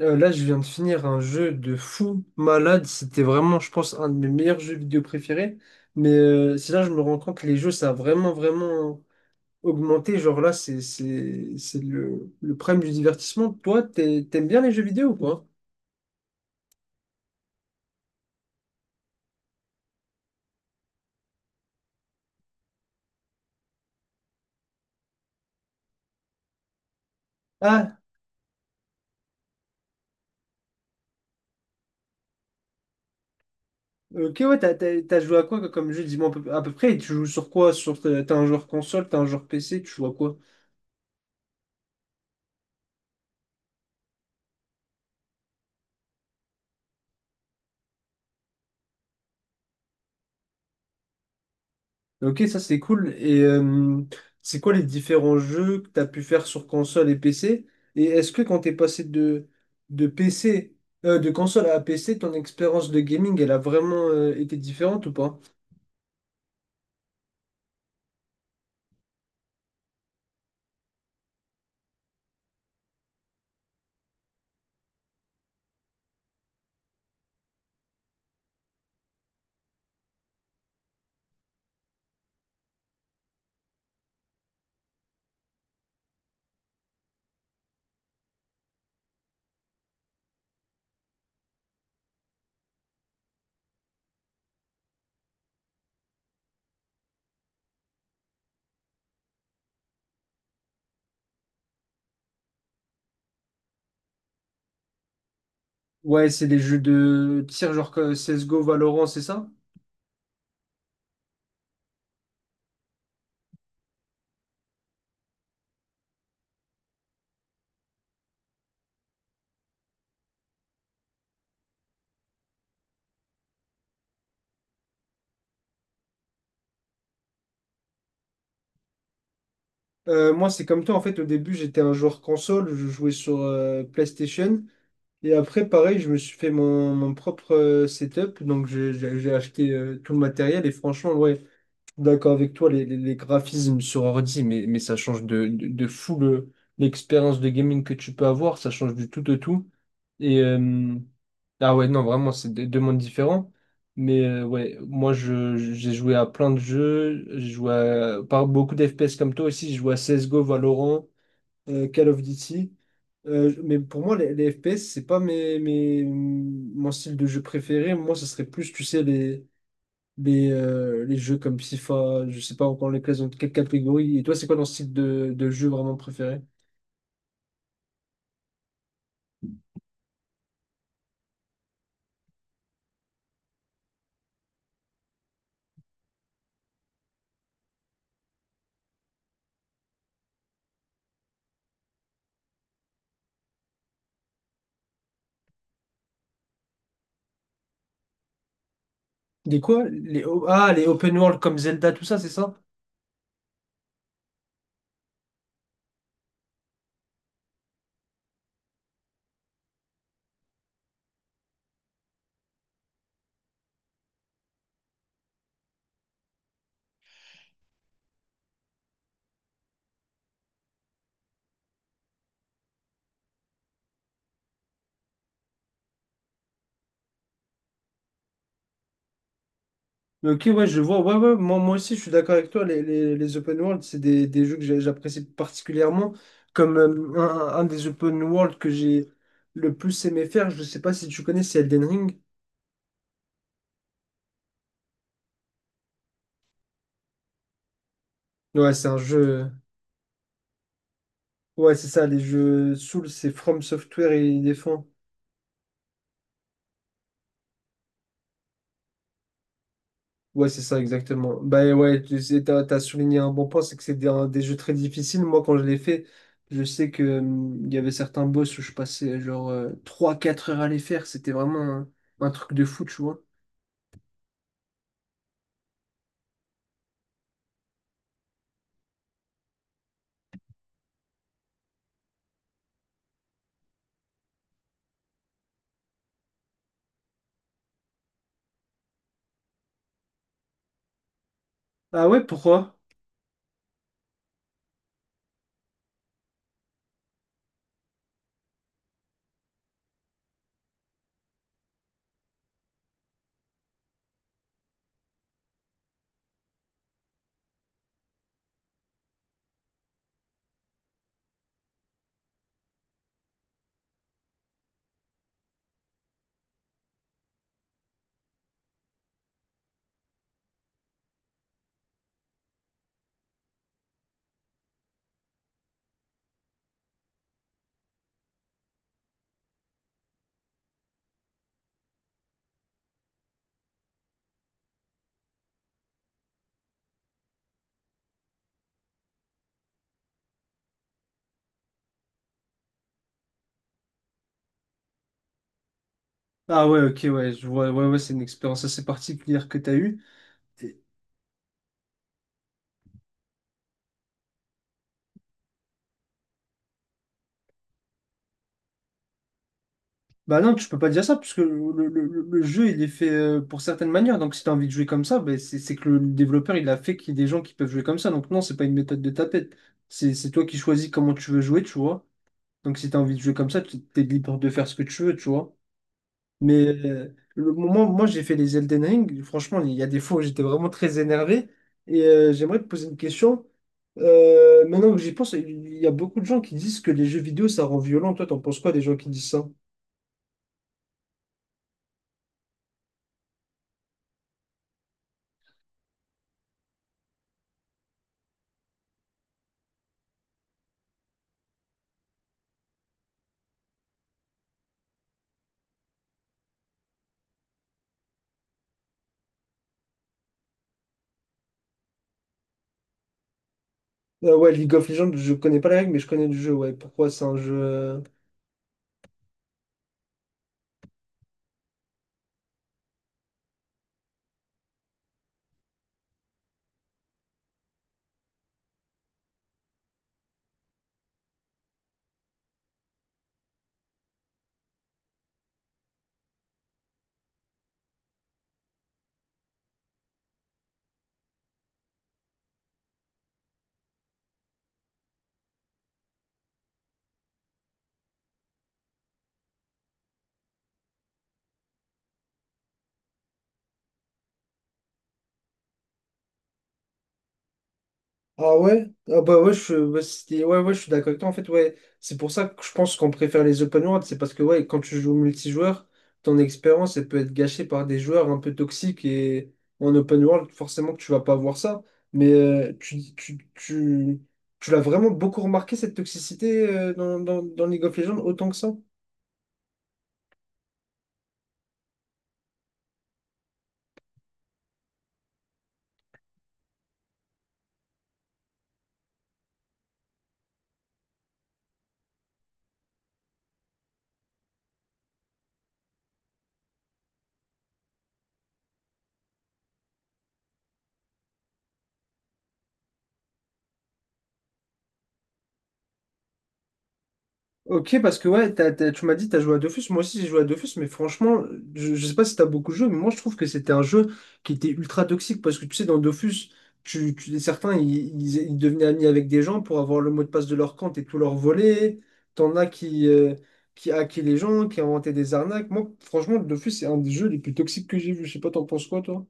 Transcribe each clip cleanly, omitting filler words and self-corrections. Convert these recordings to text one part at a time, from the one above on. Là, je viens de finir un jeu de fou malade. C'était vraiment, je pense, un de mes meilleurs jeux vidéo préférés. Mais c'est là que je me rends compte que les jeux, ça a vraiment, vraiment augmenté. Genre là, c'est le prime du divertissement. Toi, t'aimes bien les jeux vidéo ou quoi? Ah, ok, ouais, t'as joué à quoi comme jeu? Dis-moi à peu près. Et tu joues sur quoi? Sur, t'as un joueur console, t'as un joueur PC, tu joues à quoi? Ok, ça c'est cool. Et c'est quoi les différents jeux que tu as pu faire sur console et PC? Et est-ce que quand tu es passé de PC, de console à PC, ton expérience de gaming, elle a vraiment été différente ou pas? Ouais, c'est des jeux de tir genre que CSGO, Valorant, c'est ça? Moi, c'est comme toi. En fait, au début, j'étais un joueur console. Je jouais sur PlayStation. Et après, pareil, je me suis fait mon propre setup. Donc, j'ai acheté tout le matériel. Et franchement, ouais, d'accord avec toi, les graphismes sur ordi, mais ça change de fou l'expérience de gaming que tu peux avoir. Ça change du tout au tout. Et ah ouais, non, vraiment, c'est deux mondes différents. Mais ouais, j'ai joué à plein de jeux. J'ai joué à, par beaucoup d'FPS comme toi aussi. J'ai joué à CSGO, Valorant Call of Duty. Mais pour moi, les FPS, c'est pas mon style de jeu préféré. Moi, ce serait plus, tu sais, les jeux comme FIFA, je sais pas encore les classes dans quelle catégorie. Et toi, c'est quoi ton style de jeu vraiment préféré? Des quoi? Ah, les open world comme Zelda, tout ça, c'est ça? Mais ok, ouais, je vois. Ouais, ouais, moi, moi aussi, je suis d'accord avec toi. Les open world, c'est des jeux que j'apprécie particulièrement. Comme un des open world que j'ai le plus aimé faire, je sais pas si tu connais, c'est Elden Ring. Ouais, c'est un jeu. Ouais, c'est ça, les jeux Souls, c'est From Software et ils les font. Ouais, c'est ça, exactement. Bah ouais, tu sais, t'as souligné un bon point, c'est que c'est des jeux très difficiles. Moi, quand je l'ai fait, je sais que il y avait certains boss où je passais genre trois quatre heures à les faire. C'était vraiment un truc de fou, tu vois. Ah ouais, pourquoi? Ah ouais, ok, ouais, je vois, ouais, ouais, c'est une expérience assez particulière que tu as eue. Et- Bah non, tu peux pas dire ça, puisque le jeu, il est fait pour certaines manières. Donc si tu as envie de jouer comme ça, bah, c'est que le développeur, il a fait qu'il y ait des gens qui peuvent jouer comme ça. Donc non, c'est pas une méthode de tapette. C'est toi qui choisis comment tu veux jouer, tu vois. Donc si tu as envie de jouer comme ça, tu es libre de faire ce que tu veux, tu vois. Mais le moment moi j'ai fait les Elden Ring, franchement, il y a des fois où j'étais vraiment très énervé. Et j'aimerais te poser une question. Maintenant que j'y pense, il y a beaucoup de gens qui disent que les jeux vidéo, ça rend violent. Toi, t'en penses quoi des gens qui disent ça? Ouais, League of Legends, je connais pas la règle, mais je connais le jeu. Ouais, pourquoi c'est un jeu. Ah ouais? Ah bah ouais, ouais, ouais, ouais, je suis d'accord avec toi. En fait, ouais, c'est pour ça que je pense qu'on préfère les open world. C'est parce que ouais, quand tu joues au multijoueur, ton expérience, elle peut être gâchée par des joueurs un peu toxiques. Et en open world, forcément que tu vas pas voir ça. Mais tu l'as vraiment beaucoup remarqué, cette toxicité dans League of Legends, autant que ça? Ok, parce que ouais, tu m'as dit que tu as joué à Dofus. Moi aussi, j'ai joué à Dofus, mais franchement, je sais pas si tu as beaucoup joué, mais moi, je trouve que c'était un jeu qui était ultra toxique parce que tu sais, dans Dofus, certains, ils devenaient amis avec des gens pour avoir le mot de passe de leur compte et tout leur voler. T'en as qui hackaient les gens, qui inventaient des arnaques. Moi, franchement, Dofus, c'est un des jeux les plus toxiques que j'ai vu. Je sais pas, t'en penses quoi, toi?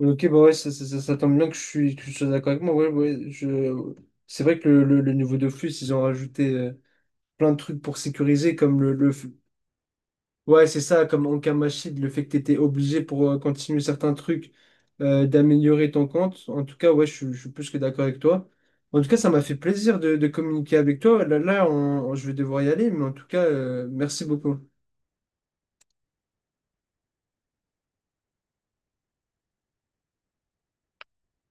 Ok, bah ouais, ça tombe bien que que je sois d'accord avec moi. Ouais, ouais, je... C'est vrai que le niveau Dofus, ils ont rajouté plein de trucs pour sécuriser, comme ouais, c'est ça, comme en Kamashid, le fait que tu étais obligé pour continuer certains trucs d'améliorer ton compte. En tout cas, ouais, je suis plus que d'accord avec toi. En tout cas, ça m'a fait plaisir de communiquer avec toi. Je vais devoir y aller, mais en tout cas, merci beaucoup.